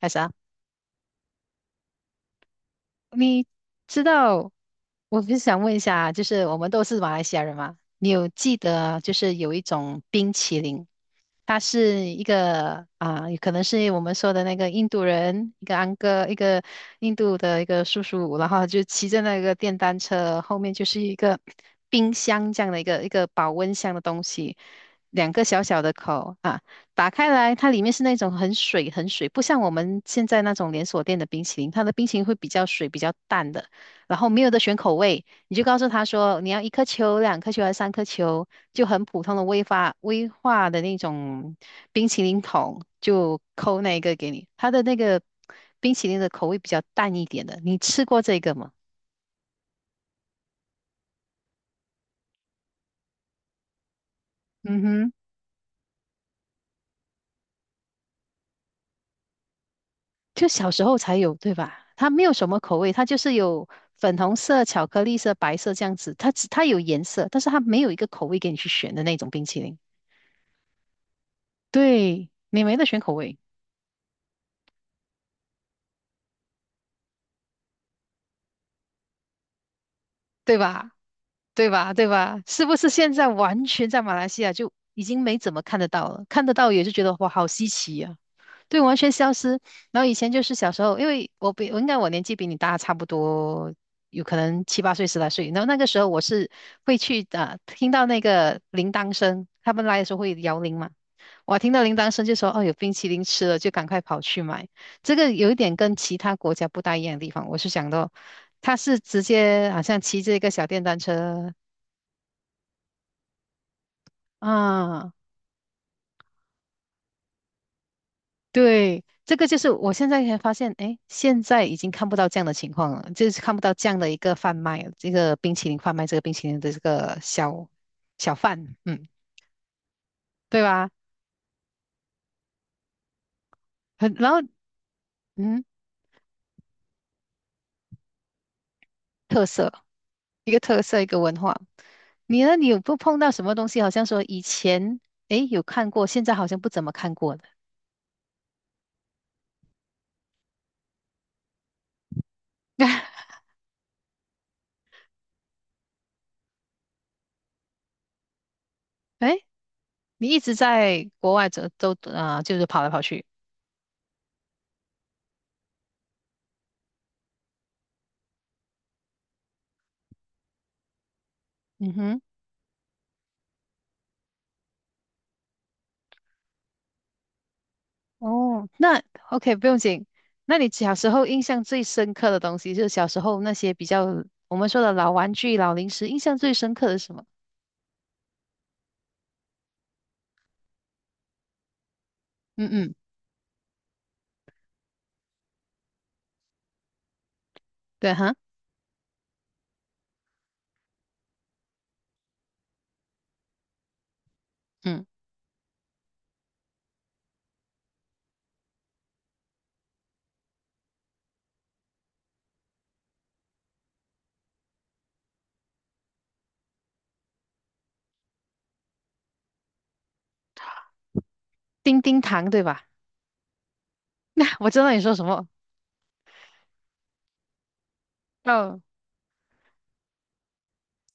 开始啊，你知道，我就想问一下啊，就是我们都是马来西亚人嘛，你有记得就是有一种冰淇淋，它是一个啊，可能是我们说的那个印度人，一个安哥，一个印度的一个叔叔，然后就骑着那个电单车，后面就是一个冰箱这样的一个保温箱的东西，两个小小的口啊，打开来，它里面是那种很水很水，不像我们现在那种连锁店的冰淇淋，它的冰淇淋会比较水比较淡的，然后没有的选口味，你就告诉他说你要一颗球、两颗球还是三颗球，就很普通的威发威化的那种冰淇淋桶，就扣那一个给你。它的那个冰淇淋的口味比较淡一点的，你吃过这个吗？嗯哼。就小时候才有，对吧？它没有什么口味，它就是有粉红色、巧克力色、白色这样子。它有颜色，但是它没有一个口味给你去选的那种冰淇淋。对，你没得选口味，对吧？对吧？是不是现在完全在马来西亚就已经没怎么看得到了？看得到也是觉得哇，好稀奇呀、对，完全消失。然后以前就是小时候，因为我比我应该我年纪比你大差不多，有可能七八岁、十来岁。然后那个时候我是会去啊、听到那个铃铛声，他们来的时候会摇铃嘛。我听到铃铛声就说哦，有冰淇淋吃了，就赶快跑去买。这个有一点跟其他国家不大一样的地方，我是想到，他是直接好像骑着一个小电单车啊，对，这个就是我现在才发现，哎，现在已经看不到这样的情况了，就是看不到这样的一个贩卖，这个冰淇淋贩卖这个冰淇淋的这个小贩，嗯，对吧？很，然后嗯，特色，一个特色，一个文化。你呢？你有不碰到什么东西？好像说以前哎有看过，现在好像不怎么看过的。哎，你一直在国外走都啊、就是跑来跑去。嗯哼。哦，那 OK，不用紧。那你小时候印象最深刻的东西，就是小时候那些比较我们说的老玩具、老零食，印象最深刻的是什么？嗯嗯，对哈，嗯，叮叮糖对吧？那我知道你说什么。哦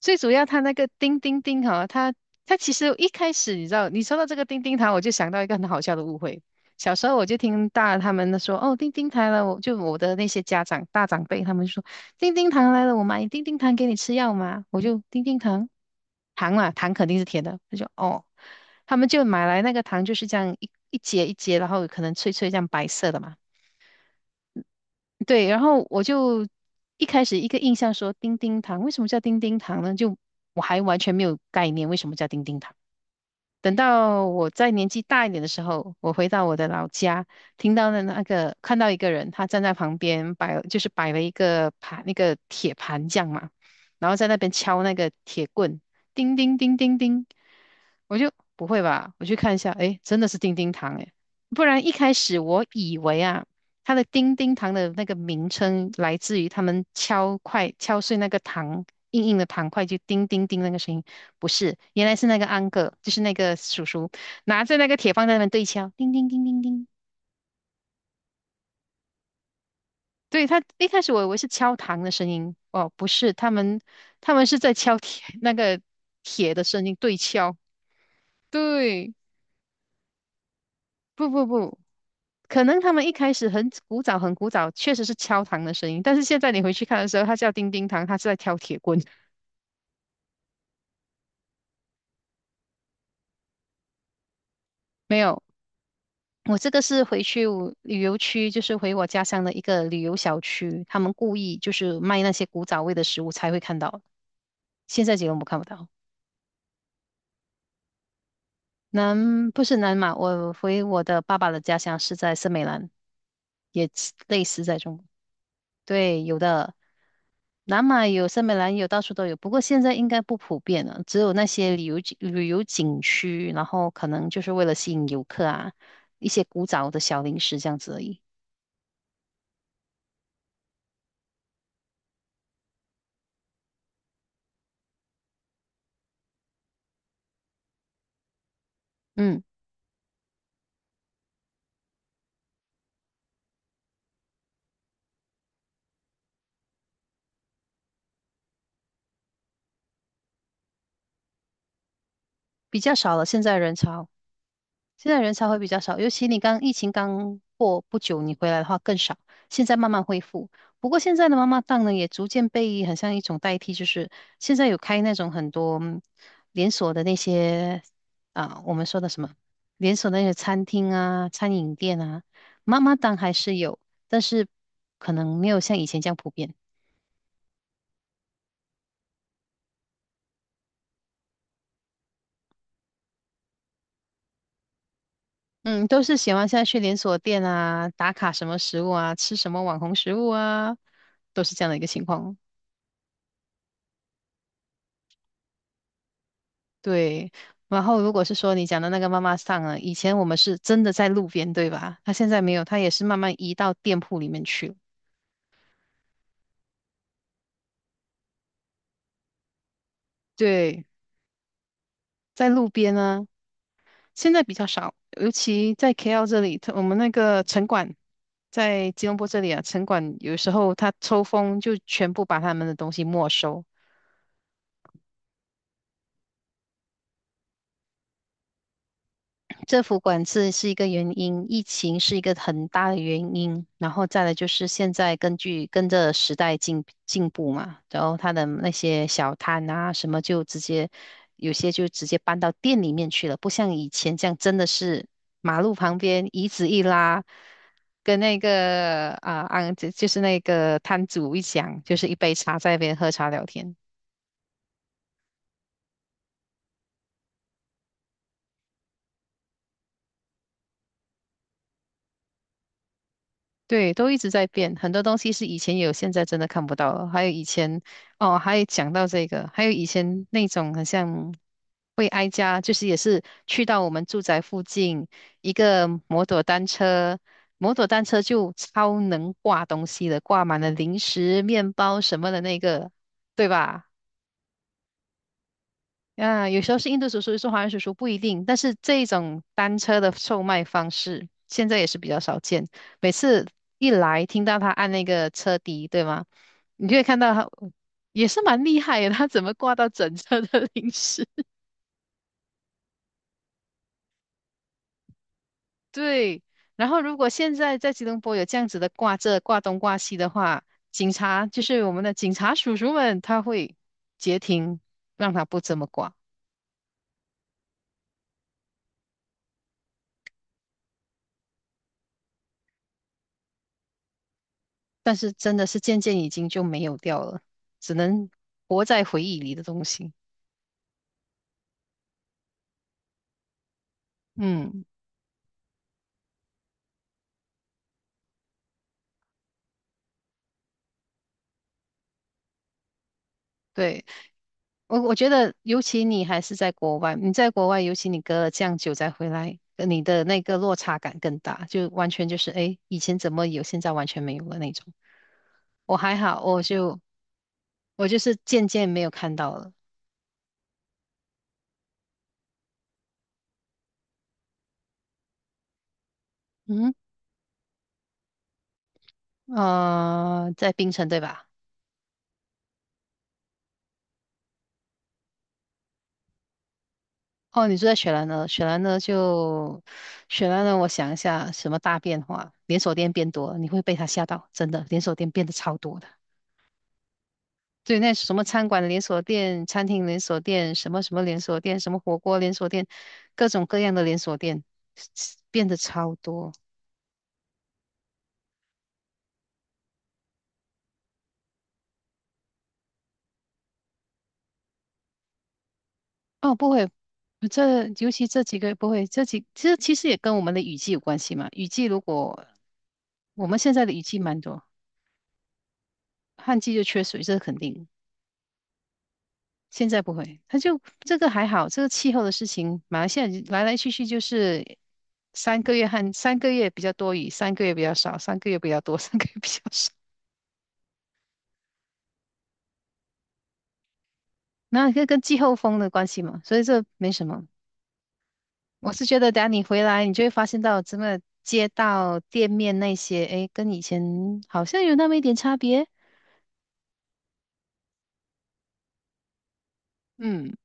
最主要它那个叮叮叮哈，它它其实一开始你知道，你说到这个叮叮糖，我就想到一个很好笑的误会。小时候我就听大他们说，哦，叮叮糖来了，我的那些家长大长辈他们就说，叮叮糖来了，我买叮叮糖给你吃药吗？我就叮叮糖，糖嘛，糖肯定是甜的，他就哦，他们就买来那个糖就是这样一节一节，然后可能脆脆这样白色的嘛。对，然后我就一开始一个印象说叮叮糖，为什么叫叮叮糖呢？就我还完全没有概念为什么叫叮叮糖。等到我在年纪大一点的时候，我回到我的老家，听到的那个看到一个人，他站在旁边摆，就是摆了一个盘，那个铁盘匠嘛，然后在那边敲那个铁棍，叮叮叮叮叮。我就不会吧？我去看一下，诶，真的是丁丁糖诶，不然一开始我以为啊，它的丁丁糖的那个名称来自于他们敲块敲碎那个糖硬硬的糖块就叮叮叮那个声音，不是，原来是那个安哥，就是那个叔叔拿着那个铁棒在那边对敲，叮叮叮叮叮。对，他一开始我以为是敲糖的声音，哦，不是，他们是在敲铁那个铁的声音对敲，对，不不不。可能他们一开始很古早很古早，确实是敲糖的声音，但是现在你回去看的时候，它叫叮叮糖，它是在挑铁棍。没有，我这个是回去我旅游区，就是回我家乡的一个旅游小区，他们故意就是卖那些古早味的食物才会看到，现在吉隆坡看不到。南不是南马，我回我的爸爸的家乡是在森美兰，也类似在中国。对，有的，南马有，森美兰有，到处都有。不过现在应该不普遍了，只有那些旅游景区，然后可能就是为了吸引游客啊，一些古早的小零食这样子而已。嗯，比较少了，现在人潮。现在人才会比较少，尤其你刚疫情刚过不久，你回来的话更少。现在慢慢恢复，不过现在的妈妈档呢，也逐渐被很像一种代替，就是现在有开那种很多嗯连锁的那些啊，我们说的什么连锁的那些餐厅啊、餐饮店啊，妈妈档还是有，但是可能没有像以前这样普遍。嗯，都是喜欢现在去连锁店啊，打卡什么食物啊，吃什么网红食物啊，都是这样的一个情况哦。对，然后如果是说你讲的那个妈妈桑啊，以前我们是真的在路边，对吧？她现在没有，她也是慢慢移到店铺里面去了。对，在路边呢，现在比较少，尤其在 KL 这里，它我们那个城管在吉隆坡这里啊，城管有时候他抽风就全部把他们的东西没收，政府管制是一个原因，疫情是一个很大的原因，然后再来就是现在根据跟着时代进步嘛，然后他的那些小摊啊什么就直接有些就直接搬到店里面去了，不像以前这样真的是马路旁边椅子一拉，跟那个啊就是那个摊主一讲，就是一杯茶在那边喝茶聊天。对，都一直在变，很多东西是以前有，现在真的看不到了。还有以前，哦，还有讲到这个，还有以前那种很像会哀家，就是也是去到我们住宅附近一个摩托单车，摩托单车就超能挂东西的，挂满了零食、面包什么的那个，对吧？嗯，有时候是印度叔叔，有时候华人叔叔不一定，但是这一种单车的售卖方式现在也是比较少见。每次一来，听到他按那个车笛，对吗？你就会看到他也是蛮厉害的，他怎么挂到整车的零食？对。然后如果现在在吉隆坡有这样子的挂这挂东挂西的话，警察就是我们的警察叔叔们，他会截停，让他不这么挂。但是真的是渐渐已经就没有掉了，只能活在回忆里的东西。嗯，对，我觉得，尤其你还是在国外，你在国外，尤其你隔了这样久再回来，你的那个落差感更大，就完全就是，哎，以前怎么有，现在完全没有了那种。我还好，我就是渐渐没有看到了。嗯，呃，在槟城对吧？哦，你住在雪兰呢？雪兰呢？就雪兰呢？我想一下，什么大变化？连锁店变多了你会被它吓到，真的，连锁店变得超多的。对，那什么餐馆连锁店、餐厅连锁店、什么什么连锁店、什么火锅连锁店，各种各样的连锁店变得超多。哦，不会，这尤其这几个不会，这其实也跟我们的雨季有关系嘛。雨季如果我们现在的雨季蛮多，旱季就缺水，这是肯定。现在不会，他就这个还好，这个气候的事情，马来西亚来来去去就是三个月和三个月比较多雨，三个月比较少，三个月比较多，三个月比较少。那这跟季候风的关系嘛，所以这没什么。我是觉得，等下你回来，你就会发现到真的街道、店面那些，哎，跟以前好像有那么一点差别。嗯，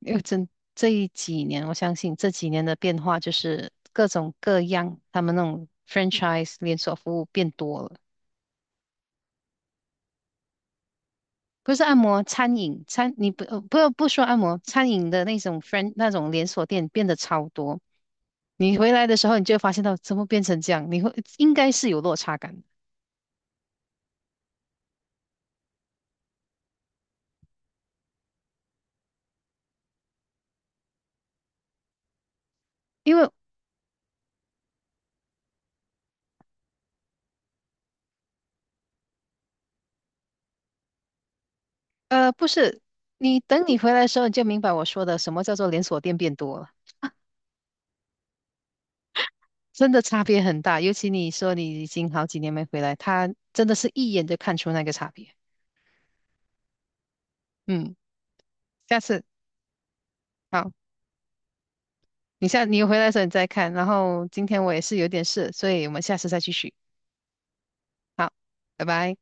因为真这一几年，我相信这几年的变化就是各种各样，他们那种 franchise 连锁服务变多了。不是按摩，餐饮餐你不呃不不说按摩，餐饮的那种 friend 那种连锁店变得超多。你回来的时候，你就会发现到怎么变成这样，你会应该是有落差感的因为不是你等你回来的时候，你就明白我说的什么叫做连锁店变多了，真的差别很大。尤其你说你已经好几年没回来，他真的是一眼就看出那个差别。嗯，下次好，你回来的时候你再看，然后今天我也是有点事，所以我们下次再继续。好，拜拜。